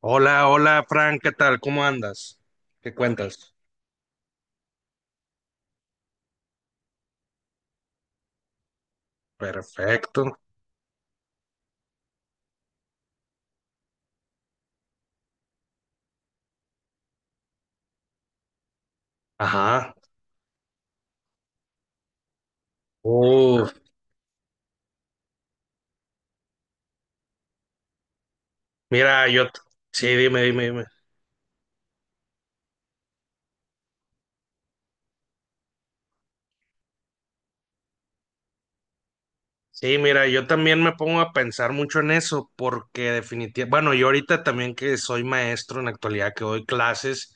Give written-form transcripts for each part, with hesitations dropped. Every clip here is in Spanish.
Hola, hola, Frank, ¿qué tal? ¿Cómo andas? ¿Qué cuentas? Perfecto. Ajá. Uf, mira, sí, dime. Sí, mira, yo también me pongo a pensar mucho en eso porque definitivamente, bueno, yo ahorita también que soy maestro en la actualidad, que doy clases,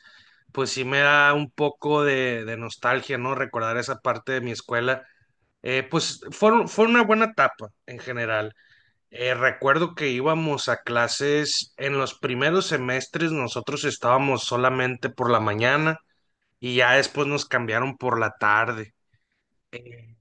pues sí me da un poco de nostalgia, ¿no? Recordar esa parte de mi escuela. Pues fue una buena etapa en general. Recuerdo que íbamos a clases en los primeros semestres, nosotros estábamos solamente por la mañana y ya después nos cambiaron por la tarde. Eh,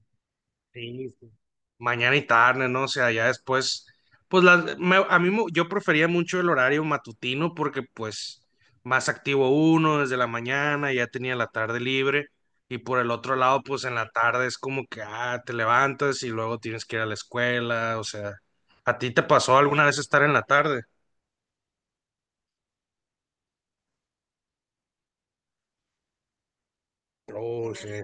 Sí, sí. Mañana y tarde, ¿no? O sea, ya después, pues a yo prefería mucho el horario matutino porque pues más activo uno desde la mañana, ya tenía la tarde libre y por el otro lado, pues en la tarde es como que, ah, te levantas y luego tienes que ir a la escuela, o sea, ¿a ti te pasó alguna vez estar en la tarde? Oh, sí.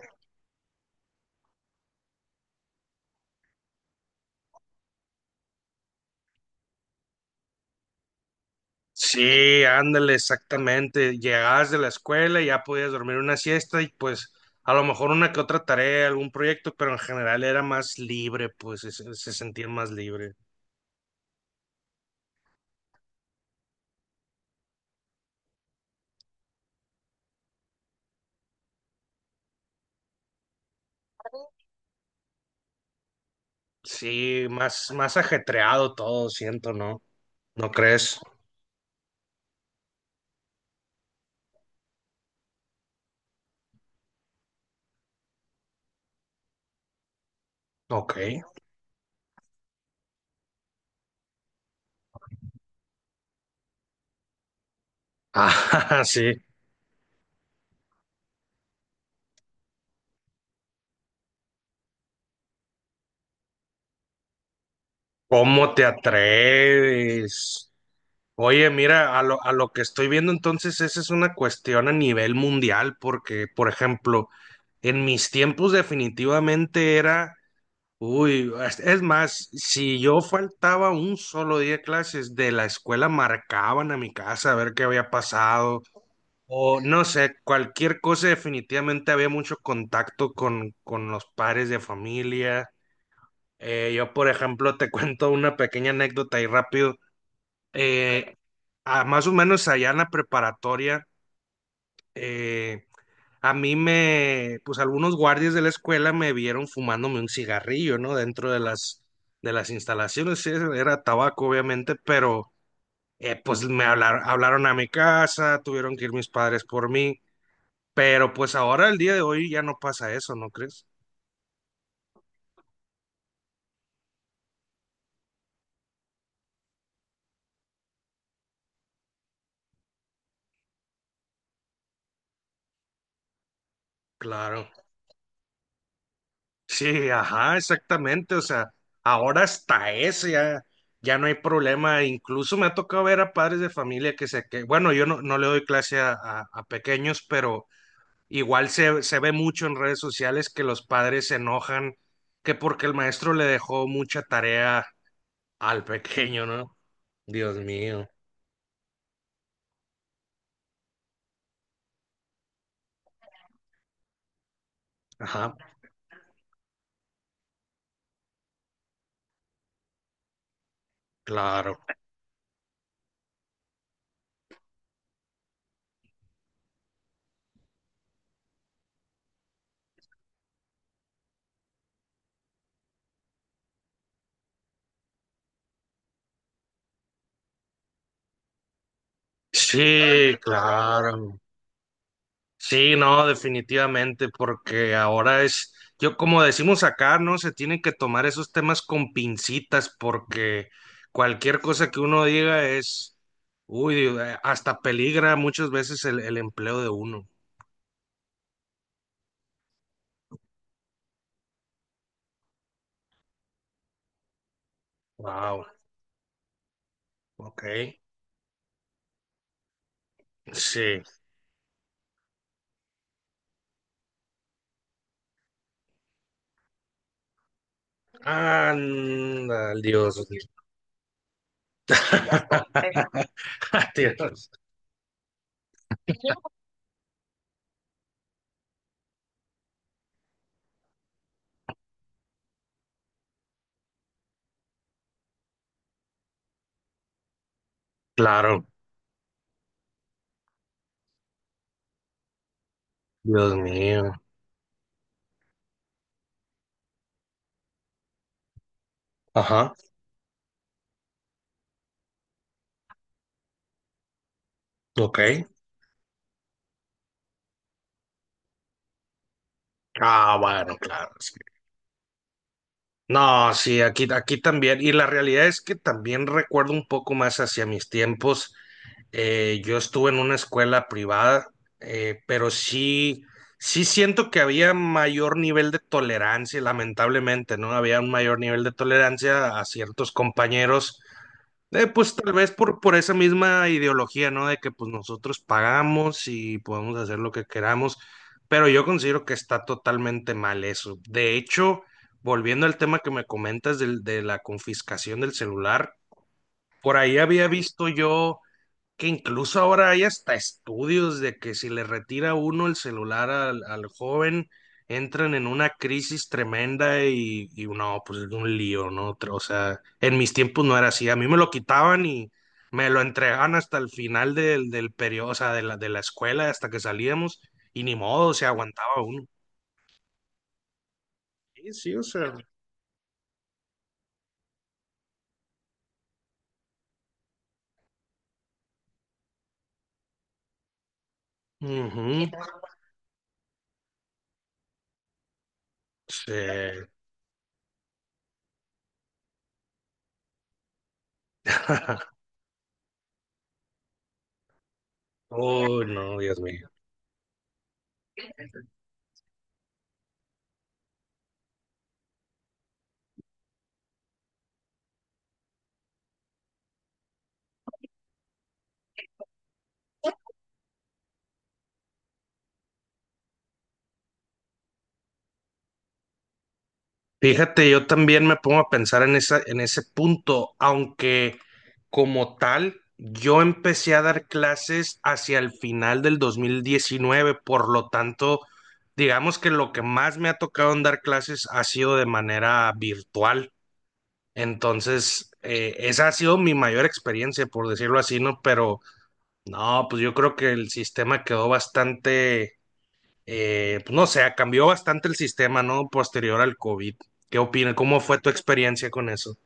Sí, ándale, exactamente. Llegabas de la escuela y ya podías dormir una siesta y pues a lo mejor una que otra tarea, algún proyecto, pero en general era más libre, pues se sentían más libre. Sí, más, más ajetreado todo, siento, ¿no? ¿No crees? Ok. Ah, sí. ¿Cómo te atreves? Oye, mira, a lo que estoy viendo entonces, esa es una cuestión a nivel mundial, porque, por ejemplo, en mis tiempos definitivamente era. Uy, es más, si yo faltaba un solo día de clases de la escuela, marcaban a mi casa a ver qué había pasado, o no sé, cualquier cosa, definitivamente había mucho contacto con los padres de familia. Yo, por ejemplo, te cuento una pequeña anécdota ahí rápido. Eh, Más o menos allá en la preparatoria, eh, a mí me, pues algunos guardias de la escuela me vieron fumándome un cigarrillo, ¿no? Dentro de las instalaciones, sí, era tabaco, obviamente, pero pues me hablaron a mi casa, tuvieron que ir mis padres por mí, pero pues ahora, el día de hoy, ya no pasa eso, ¿no crees? Claro. Sí, ajá, exactamente, o sea, ahora hasta eso ya, ya no hay problema, incluso me ha tocado ver a padres de familia que, bueno, yo no, no le doy clase a a pequeños, pero igual se ve mucho en redes sociales que los padres se enojan que porque el maestro le dejó mucha tarea al pequeño, ¿no? Dios mío. Ajá, claro. Sí, claro. Sí, no, definitivamente, porque ahora es, yo como decimos acá, ¿no? Se tienen que tomar esos temas con pincitas porque cualquier cosa que uno diga es, uy, hasta peligra muchas veces el empleo de uno. Wow, ok. Sí. Anda, Dios mío. Eso. Dios. Claro, Dios mío. Ajá, ok. Ah, bueno, claro. Sí. No, sí, aquí, aquí también. Y la realidad es que también recuerdo un poco más hacia mis tiempos. Yo estuve en una escuela privada, pero sí, sí siento que había mayor nivel de tolerancia, lamentablemente, ¿no? Había un mayor nivel de tolerancia a ciertos compañeros. Pues tal vez por esa misma ideología, ¿no? De que pues nosotros pagamos y podemos hacer lo que queramos, pero yo considero que está totalmente mal eso. De hecho, volviendo al tema que me comentas de la confiscación del celular, por ahí había visto yo que incluso ahora hay hasta estudios de que si le retira uno el celular al joven, entran en una crisis tremenda y no, pues es un lío, ¿no? O sea, en mis tiempos no era así, a mí me lo quitaban y me lo entregaban hasta el final del periodo, o sea, de de la escuela, hasta que salíamos y ni modo, se aguantaba uno. Sí, sí, o sea. Ujú, sí. Oh, no, Dios mío. Fíjate, yo también me pongo a pensar en esa, en ese punto, aunque como tal, yo empecé a dar clases hacia el final del 2019, por lo tanto, digamos que lo que más me ha tocado en dar clases ha sido de manera virtual. Entonces, esa ha sido mi mayor experiencia, por decirlo así, ¿no? Pero no, pues yo creo que el sistema quedó bastante, pues no sé, cambió bastante el sistema, ¿no? Posterior al COVID. ¿Qué opinas? ¿Cómo fue tu experiencia con eso?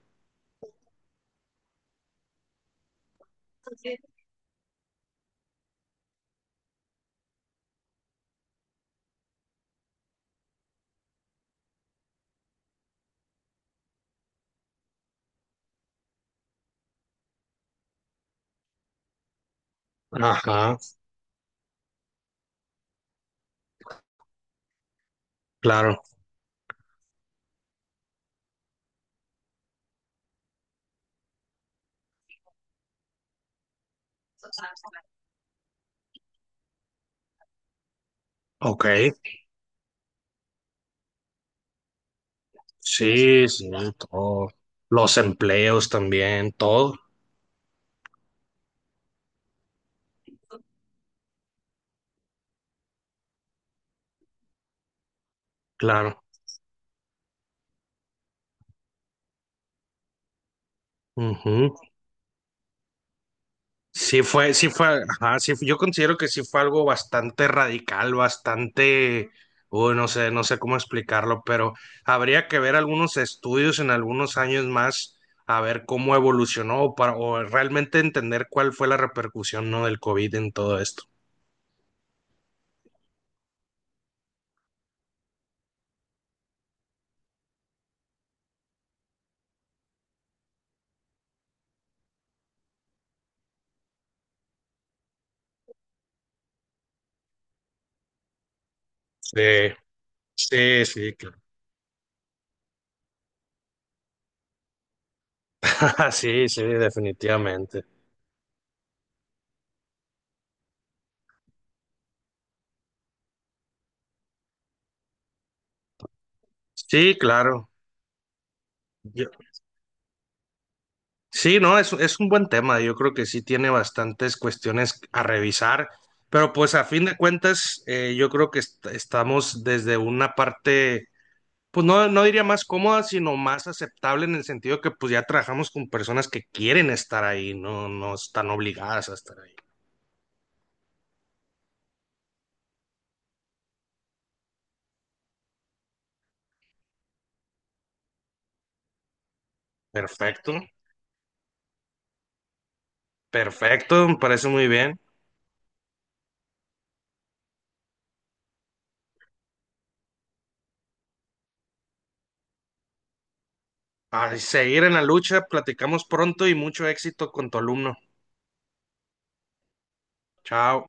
Ajá, claro. Ok. Sí, sí, todo. Los empleos también, todo. Claro. Ujú. Sí fue, ajá, yo considero que sí fue algo bastante radical, bastante, uy, no sé, no sé cómo explicarlo, pero habría que ver algunos estudios en algunos años más a ver cómo evolucionó o para, o realmente entender cuál fue la repercusión, ¿no? del COVID en todo esto. Sí, sí, sí, claro. Sí, sí, definitivamente. Sí, claro. Sí, no, es un buen tema. Yo creo que sí tiene bastantes cuestiones a revisar, pero pues a fin de cuentas, yo creo que estamos desde una parte, pues no, no diría más cómoda, sino más aceptable en el sentido que pues ya trabajamos con personas que quieren estar ahí, no, no están obligadas a estar ahí. Perfecto, perfecto, me parece muy bien. A seguir en la lucha, platicamos pronto y mucho éxito con tu alumno. Chao.